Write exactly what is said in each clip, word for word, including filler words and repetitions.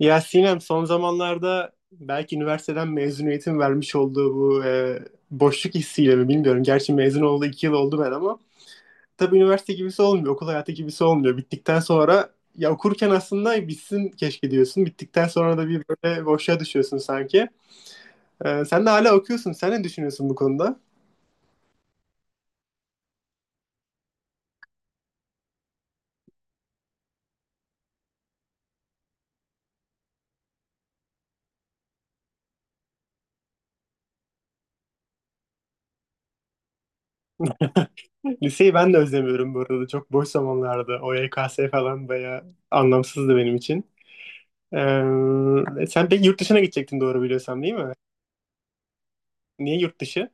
Ya Sinem, son zamanlarda belki üniversiteden mezuniyetin vermiş olduğu bu e, boşluk hissiyle mi bilmiyorum. Gerçi mezun oldu iki yıl oldu ben, ama tabii üniversite gibisi olmuyor. Okul hayatı gibisi olmuyor. Bittikten sonra ya okurken aslında bitsin keşke diyorsun. Bittikten sonra da bir böyle boşluğa düşüyorsun sanki. E, sen de hala okuyorsun. Sen ne düşünüyorsun bu konuda? Liseyi ben de özlemiyorum bu arada. Çok boş zamanlarda. O Y K S falan bayağı anlamsızdı benim için. E, sen pek yurt dışına gidecektin, doğru biliyorsam, değil mi? Niye yurt dışı?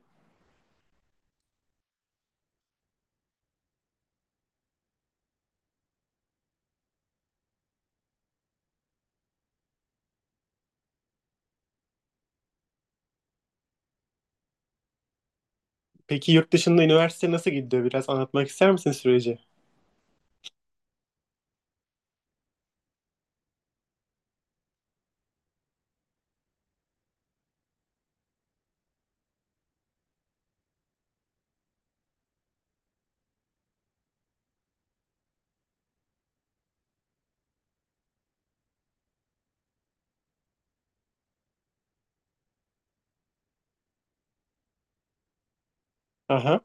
Peki yurt dışında üniversite nasıl gidiyor? Biraz anlatmak ister misin süreci? Aha.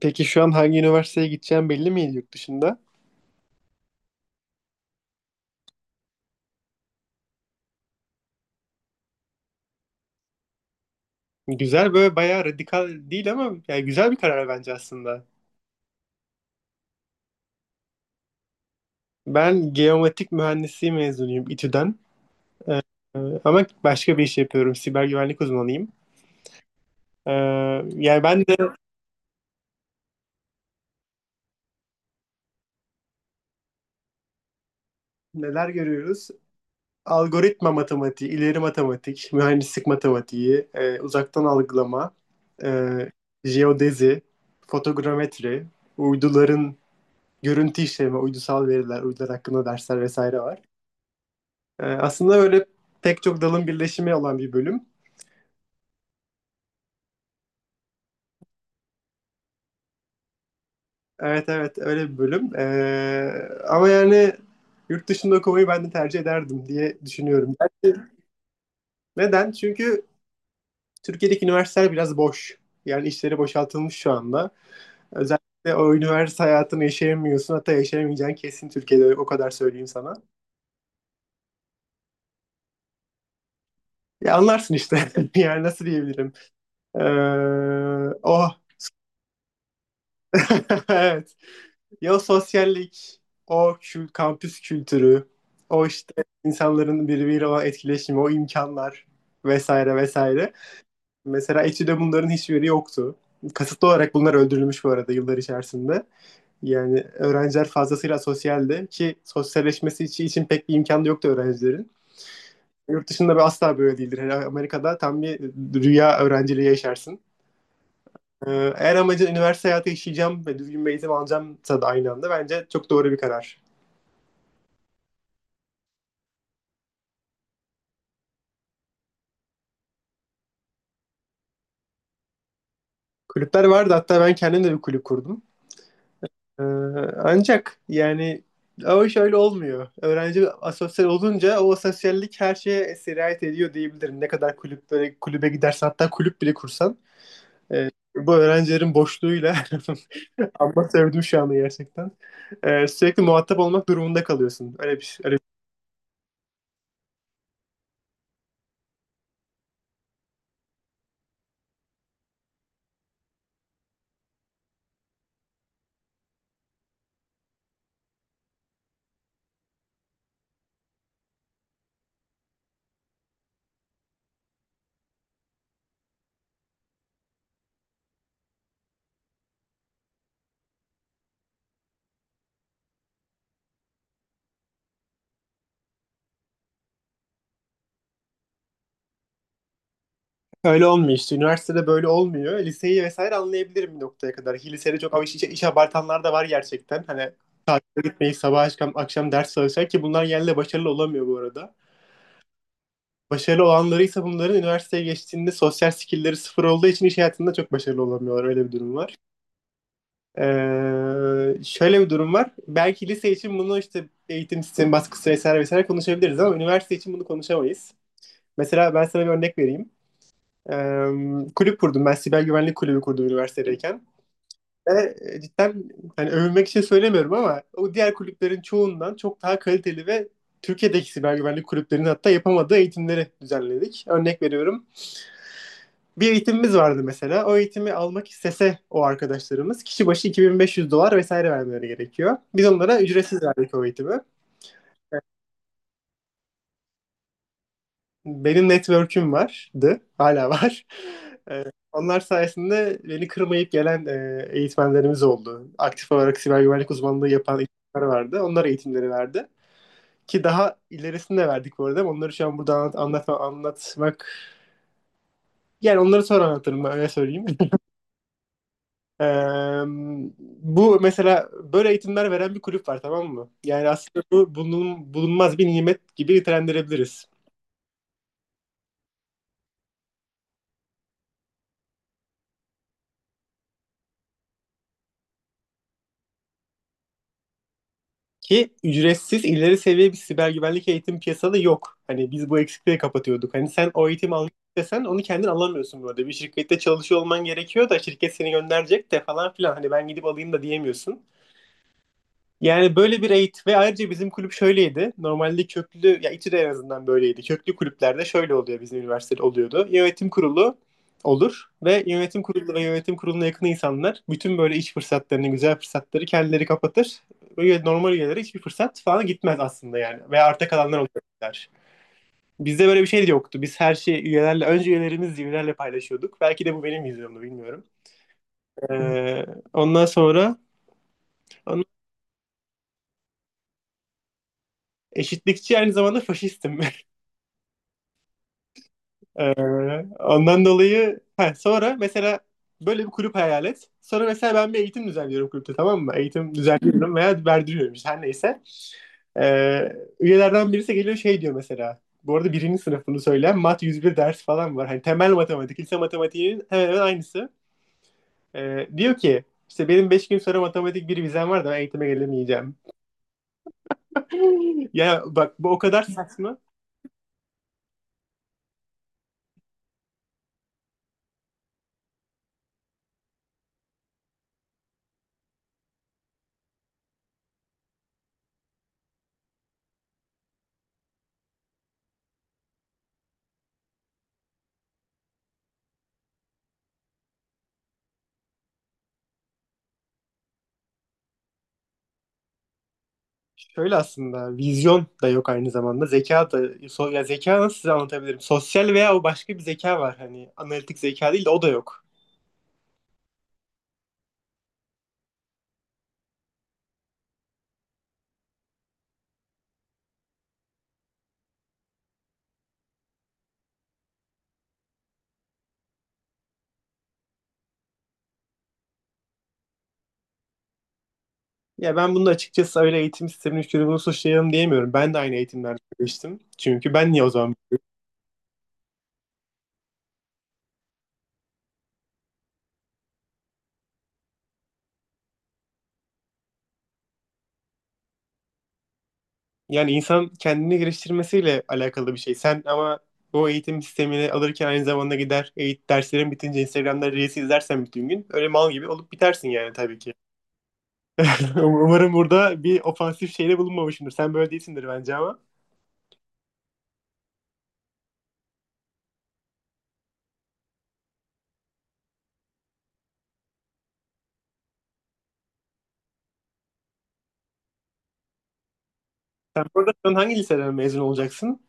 Peki şu an hangi üniversiteye gideceğim belli mi yurt dışında? Güzel, böyle bayağı radikal değil ama yani güzel bir karar bence aslında. Ben geomatik mühendisliği mezunuyum, İTÜ'den. Ee, ama başka bir iş yapıyorum. Siber güvenlik uzmanıyım. Ee, Yani ben de neler görüyoruz? Algoritma matematiği, ileri matematik, mühendislik matematiği, e, uzaktan algılama, e, jeodezi, fotogrametri, uyduların görüntü işleme, uydusal veriler, uydular hakkında dersler vesaire var. Ee, aslında öyle pek çok dalın birleşimi olan bir bölüm. Evet, evet, öyle bir bölüm. Ee, ama yani yurt dışında okumayı ben de tercih ederdim diye düşünüyorum. Yani neden? Çünkü Türkiye'deki üniversiteler biraz boş. Yani işleri boşaltılmış şu anda. Özellikle o üniversite hayatını yaşayamıyorsun. Hatta yaşayamayacağın kesin Türkiye'de, o kadar söyleyeyim sana. Ya anlarsın işte. Yani nasıl diyebilirim? Ee, oh. Evet. Ya sosyallik, o kül, kampüs kültürü, o işte insanların birbiriyle olan etkileşimi, o imkanlar vesaire vesaire. Mesela etüde bunların hiçbiri yoktu. Kasıtlı olarak bunlar öldürülmüş bu arada yıllar içerisinde. Yani öğrenciler fazlasıyla sosyaldi ki sosyalleşmesi için, için pek bir imkan da yoktu öğrencilerin. Yurt dışında bir asla böyle değildir. Hele Amerika'da tam bir rüya öğrenciliği yaşarsın. Ee, Eğer amacın üniversite hayatı yaşayacağım ve düzgün bir eğitim alacağımsa da aynı anda, bence çok doğru bir karar. Kulüpler vardı. Hatta ben kendim de bir kulüp kurdum. Ee, Ancak yani o şöyle olmuyor. Öğrenci asosyal olunca o asosyallik her şeye sirayet ediyor diyebilirim. Ne kadar kulüplere, kulübe gidersen, hatta kulüp bile kursan bu öğrencilerin boşluğuyla ama sevdim şu anı gerçekten. Ee, sürekli muhatap olmak durumunda kalıyorsun. Öyle bir, öyle olmuyor işte. Üniversitede böyle olmuyor. Liseyi vesaire anlayabilirim bir noktaya kadar. Ki lisede çok ama iş, iş, iş abartanlar da var gerçekten. Hani tatile gitmeyi sabah akşam, akşam ders çalışıyor ki bunlar genelde başarılı olamıyor bu arada. Başarılı olanları ise bunların üniversiteye geçtiğinde sosyal skillleri sıfır olduğu için iş hayatında çok başarılı olamıyorlar. Öyle bir durum var. Ee, şöyle bir durum var. Belki lise için bunu işte eğitim sistemi baskısı vesaire vesaire konuşabiliriz, ama üniversite için bunu konuşamayız. Mesela ben sana bir örnek vereyim. Ee, Kulüp kurdum ben. Siber güvenlik kulübü kurdum üniversitedeyken. Ve e, cidden, hani övünmek için söylemiyorum ama o diğer kulüplerin çoğundan çok daha kaliteli ve Türkiye'deki siber güvenlik kulüplerinin hatta yapamadığı eğitimleri düzenledik. Örnek veriyorum. Bir eğitimimiz vardı mesela. O eğitimi almak istese o arkadaşlarımız kişi başı iki bin beş yüz dolar vesaire vermeleri gerekiyor. Biz onlara ücretsiz verdik o eğitimi. Benim network'üm vardı, hala var. Ee, Onlar sayesinde beni kırmayıp gelen e, eğitmenlerimiz oldu. Aktif olarak siber güvenlik uzmanlığı yapan eğitimler vardı. Onlar eğitimleri verdi. Ki daha ilerisini de verdik bu arada. Ama onları şu an burada anlat, anlat- anlatmak... Yani onları sonra anlatırım ben, öyle söyleyeyim. Ee, Bu mesela böyle eğitimler veren bir kulüp var, tamam mı? Yani aslında bu bulun- bulunmaz bir nimet gibi nitelendirebiliriz. Ki ücretsiz ileri seviye bir siber güvenlik eğitim piyasada yok. Hani biz bu eksikliği kapatıyorduk. Hani sen o eğitimi almak istesen onu kendin alamıyorsun böyle. Bir şirkette çalışıyor olman gerekiyor da şirket seni gönderecek de falan filan. Hani ben gidip alayım da diyemiyorsun. Yani böyle bir eğitim. Ve ayrıca bizim kulüp şöyleydi. Normalde köklü, ya İTÜ'de en azından böyleydi. Köklü kulüplerde şöyle oluyor, bizim üniversitede oluyordu. Yönetim kurulu olur, ve yönetim kurulu ve yönetim kuruluna yakın insanlar bütün böyle iş fırsatlarını, güzel fırsatları kendileri kapatır. Böyle normal üyelere hiçbir fırsat falan gitmez aslında yani. Ve arta kalanlar oluyorlar. Bizde böyle bir şey de yoktu. Biz her şeyi üyelerle, önce üyelerimiz üyelerle paylaşıyorduk. Belki de bu benim yüzümdü, bilmiyorum. Ee, Ondan sonra ondan- eşitlikçi, aynı zamanda faşistim. Ee, Ondan dolayı ha, sonra mesela böyle bir kulüp hayal et. Sonra mesela ben bir eğitim düzenliyorum kulüpte, tamam mı? Eğitim düzenliyorum veya verdiriyorum işte, her neyse. Ee, üyelerden birisi geliyor şey diyor mesela. Bu arada birinci sınıfını söyleyen mat yüz bir ders falan var. Hani temel matematik, lise matematiğinin hemen hemen aynısı. Ee, diyor ki işte benim beş gün sonra matematik bir vizem var da ben eğitime gelemeyeceğim. Ya bak, bu o kadar saçma. Şöyle aslında vizyon da yok aynı zamanda. Zeka da so, ya zeka nasıl size anlatabilirim? Sosyal veya o başka bir zeka var. Hani analitik zeka değil de o da yok. Ya ben bunu açıkçası öyle eğitim sisteminin şunu bunu suçlayalım diyemiyorum. Ben de aynı eğitimlerden geçtim. Çünkü ben niye o zaman yani insan kendini geliştirmesiyle alakalı bir şey. Sen ama o eğitim sistemini alırken aynı zamanda gider eğit derslerin bitince Instagram'da Reels izlersen bütün gün öyle mal gibi olup bitersin yani tabii ki. Umarım burada bir ofansif şeyde bulunmamışımdır. Sen böyle değilsindir bence ama. Sen burada şu an hangi liseden mezun olacaksın?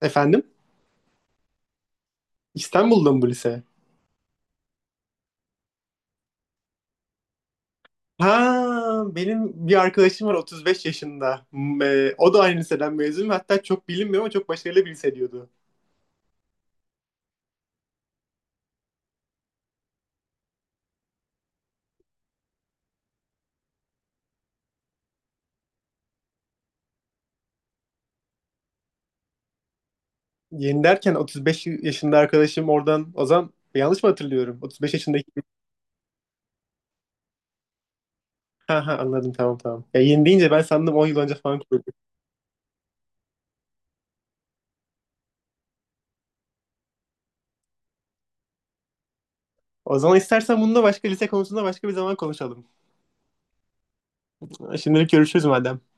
Efendim? İstanbul'da mı bu lise? Ha, benim bir arkadaşım var otuz beş yaşında. M- e, O da aynı liseden mezun. Hatta çok bilinmiyor ama çok başarılı bir lise diyordu. Yeni derken otuz beş yaşında arkadaşım oradan Ozan, yanlış mı hatırlıyorum? otuz beş yaşındaki. Ha ha, anladım, tamam tamam. Ya yeni deyince ben sandım on yıl önce falan kurduk. O zaman istersen bununla başka lise konusunda başka bir zaman konuşalım. Şimdilik görüşürüz madem.